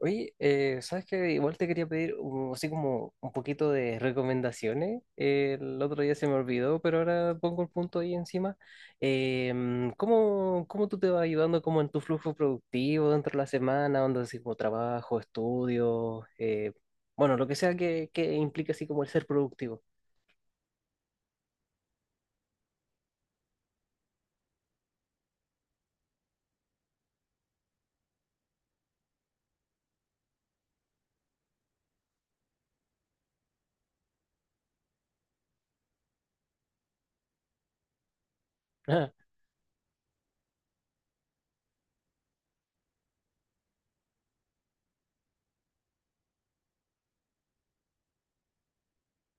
Oye, ¿sabes qué? Igual te quería pedir así como un poquito de recomendaciones. El otro día se me olvidó, pero ahora pongo el punto ahí encima. ¿Cómo tú te vas ayudando como en tu flujo productivo dentro de la semana, donde así como trabajo, estudio, bueno, lo que sea que implique así como el ser productivo?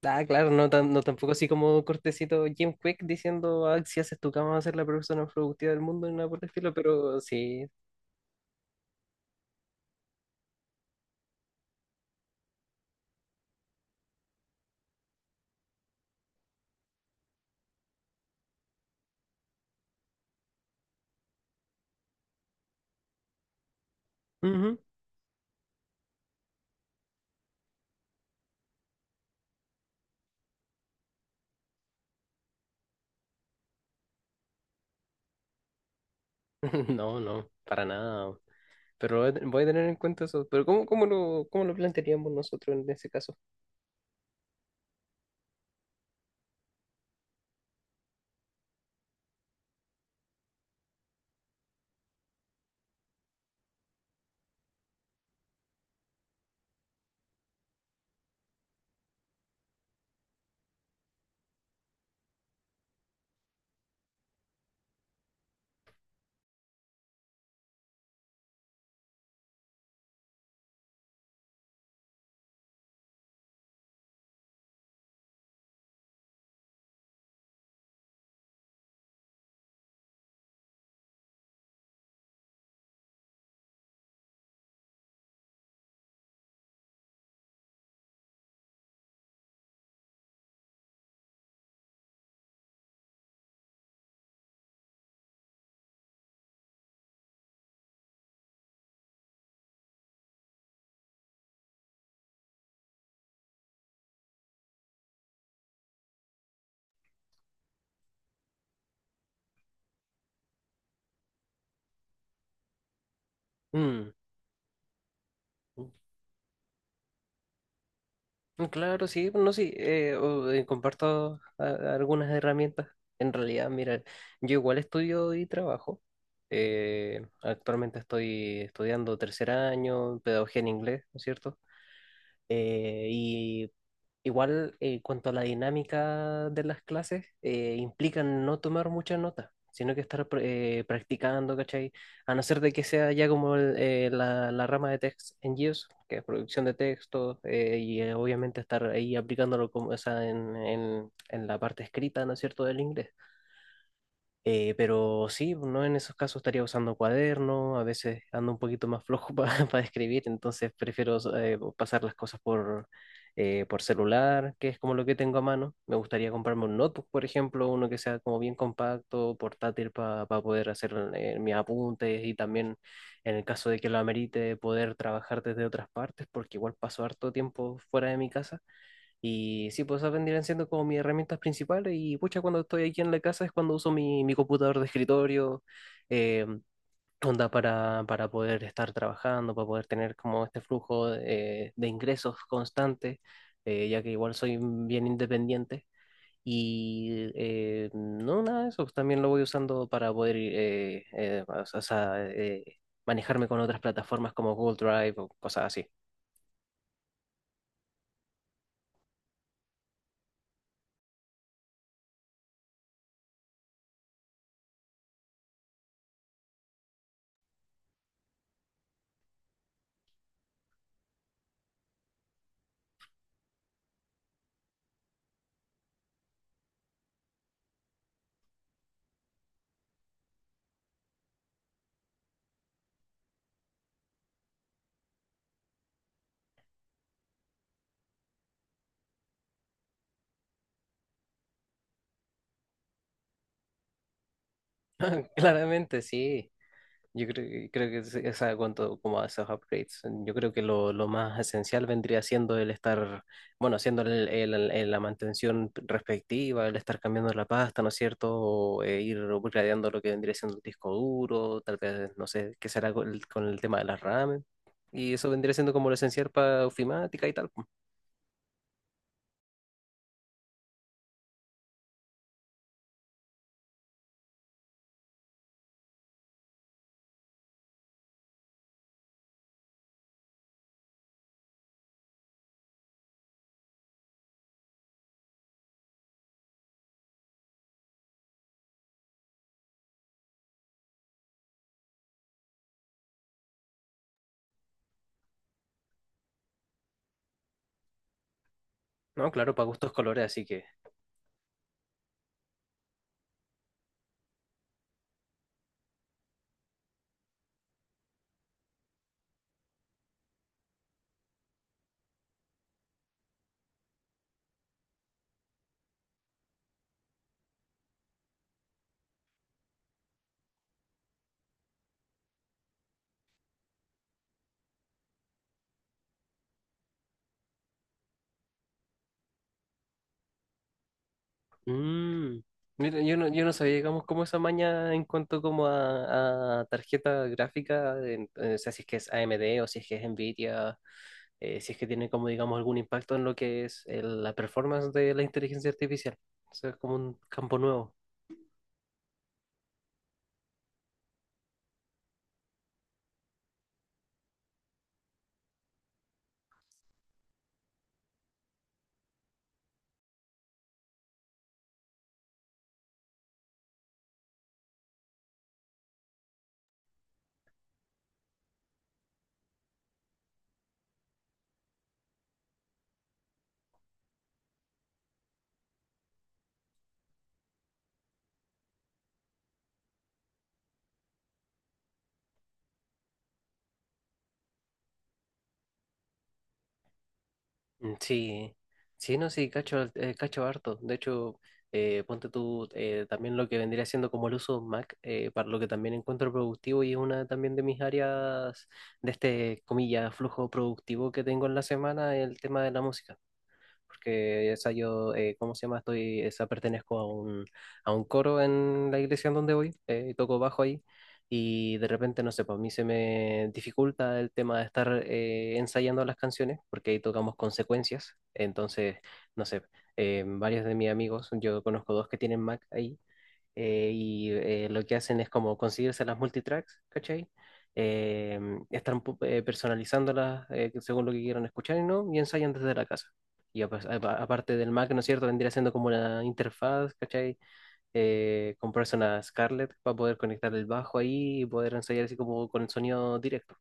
Ah, claro, no, no tampoco así como cortecito Jim Quick diciendo, ah, si haces tu cama vas a ser la persona más productiva del mundo, ni nada por el estilo, pero sí. No, no, para nada. Pero voy a voy a tener en cuenta eso. Pero ¿cómo lo plantearíamos nosotros en ese caso? Mm, mm, claro, sí, bueno, no, sí, comparto algunas herramientas. En realidad, mira, yo igual estudio y trabajo. Actualmente estoy estudiando tercer año, pedagogía en inglés, ¿no es cierto? Y igual, en cuanto a la dinámica de las clases, implican no tomar muchas notas, sino que estar practicando, ¿cachai? A no ser de que sea ya como la rama de text en GIS, que es producción de textos, obviamente estar ahí aplicándolo como, o sea, en la parte escrita, ¿no es cierto?, del inglés. Pero sí, no en esos casos estaría usando cuaderno, a veces ando un poquito más flojo para escribir, entonces prefiero pasar las cosas por celular, que es como lo que tengo a mano. Me gustaría comprarme un notebook, por ejemplo, uno que sea como bien compacto, portátil para poder hacer mis apuntes y también en el caso de que lo amerite poder trabajar desde otras partes, porque igual paso harto tiempo fuera de mi casa. Y sí, pues esas vendrían siendo como mis herramientas principales y pucha, cuando estoy aquí en la casa es cuando uso mi computador de escritorio, eh, onda para poder estar trabajando, para poder tener como este flujo de ingresos constante, ya que igual soy bien independiente. Y no, nada de eso, pues, también lo voy usando para poder o sea, manejarme con otras plataformas como Google Drive o cosas así. Claramente, sí. Yo creo, creo que esa cuanto como a esos upgrades, yo creo que lo más esencial vendría siendo el estar, bueno, haciendo la mantención respectiva, el estar cambiando la pasta, ¿no es cierto? O ir upgradeando lo que vendría siendo el disco duro, tal vez, no sé, qué será con el tema de las RAM. Y eso vendría siendo como lo esencial para ofimática y tal. ¿No? Claro, para gustos colores, así que mm. Mira, yo no, yo no sabía, digamos, cómo esa maña en cuanto como a tarjeta gráfica, o sea, si es que es AMD o si es que es Nvidia, si es que tiene como, digamos, algún impacto en lo que es la performance de la inteligencia artificial. O sea, es como un campo nuevo. Mm, sí, sí, no, sí, cacho, cacho harto. De hecho, ponte tú también lo que vendría siendo como el uso Mac, para lo que también encuentro productivo y es una también de mis áreas de este, comillas, flujo productivo que tengo en la semana, el tema de la música, porque esa yo, ¿cómo se llama? Estoy, esa pertenezco a un coro en la iglesia en donde voy, toco bajo ahí, y de repente, no sé, para mí se me dificulta el tema de estar ensayando las canciones, porque ahí tocamos consecuencias, entonces, no sé, varios de mis amigos, yo conozco dos que tienen Mac ahí, lo que hacen es como conseguirse las multitracks, ¿cachai? Eh, están personalizándolas según lo que quieran escuchar y no, y ensayan desde la casa. Y aparte del Mac, ¿no es cierto? Vendría siendo como una interfaz, ¿cachai? Comprarse una Scarlett para poder conectar el bajo ahí y poder ensayar así como con el sonido directo.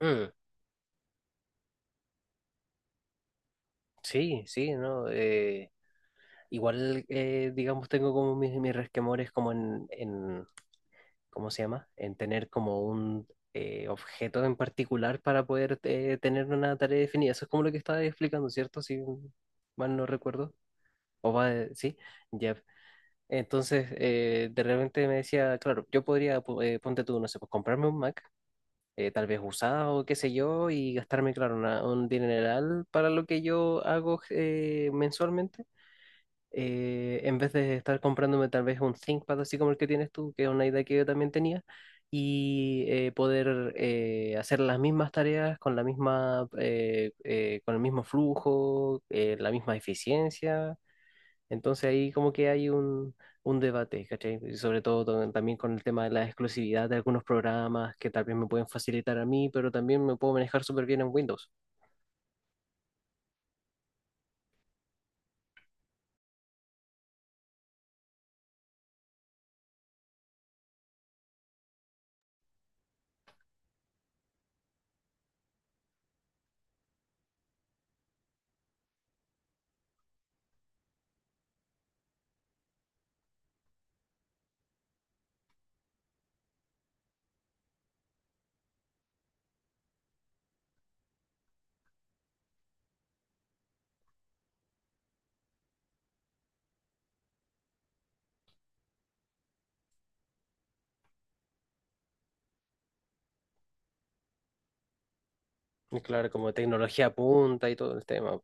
Mm, sí, sí, ¿no? Igual, digamos, tengo como mis resquemores como en ¿cómo se llama? En tener como un objeto en particular para poder tener una tarea definida. Eso es como lo que estaba explicando, ¿cierto? Si mal no recuerdo. O va, sí, ya. Entonces, de repente me decía, claro, yo podría, ponte tú, no sé, pues comprarme un Mac, tal vez usado, qué sé yo, y gastarme, claro, un dineral para lo que yo hago mensualmente en vez de estar comprándome tal vez un ThinkPad así como el que tienes tú, que es una idea que yo también tenía, y poder hacer las mismas tareas con la misma, con el mismo flujo, la misma eficiencia. Entonces ahí como que hay un debate, ¿cachai? Y sobre todo también con el tema de la exclusividad de algunos programas que tal vez me pueden facilitar a mí, pero también me puedo manejar súper bien en Windows. Y claro, como tecnología punta y todo el tema.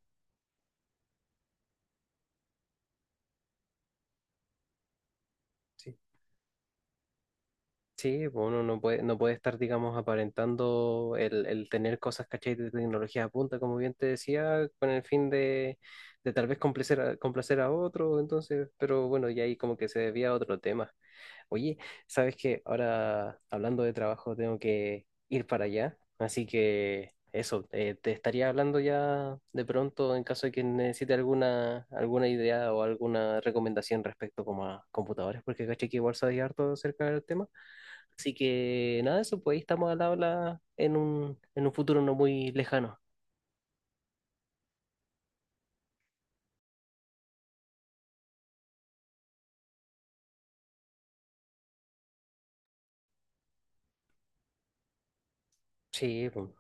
Sí, pues uno no puede, no puede estar, digamos, aparentando el tener cosas, ¿cachai? De tecnología a punta, como bien te decía, con el fin de tal vez complacer a, complacer a otro, entonces, pero bueno, ya ahí como que se debía a otro tema. Oye, ¿sabes qué? Ahora, hablando de trabajo, tengo que ir para allá, así que eso, te estaría hablando ya de pronto en caso de que necesite alguna, alguna idea o alguna recomendación respecto como a computadores, porque caché que igual sabes harto acerca del tema. Así que nada, eso, pues ahí estamos al habla en un futuro no muy lejano. Sí, pues,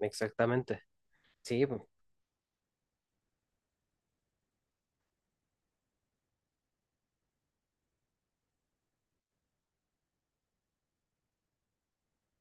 exactamente. Sí, pues.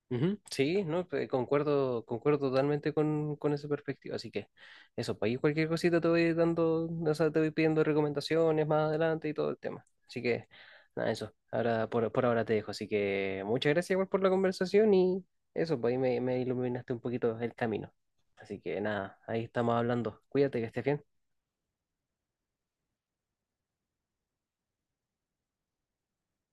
Ujú, sí, no, pues, concuerdo, concuerdo totalmente con esa perspectiva. Así que eso, pues ahí cualquier cosita te voy dando, o sea, te voy pidiendo recomendaciones más adelante y todo el tema. Así que nada, eso. Ahora, por ahora te dejo. Así que muchas gracias igual por la conversación y eso, pues ahí me, me iluminaste un poquito el camino. Así que nada, ahí estamos hablando. Cuídate, que estés bien.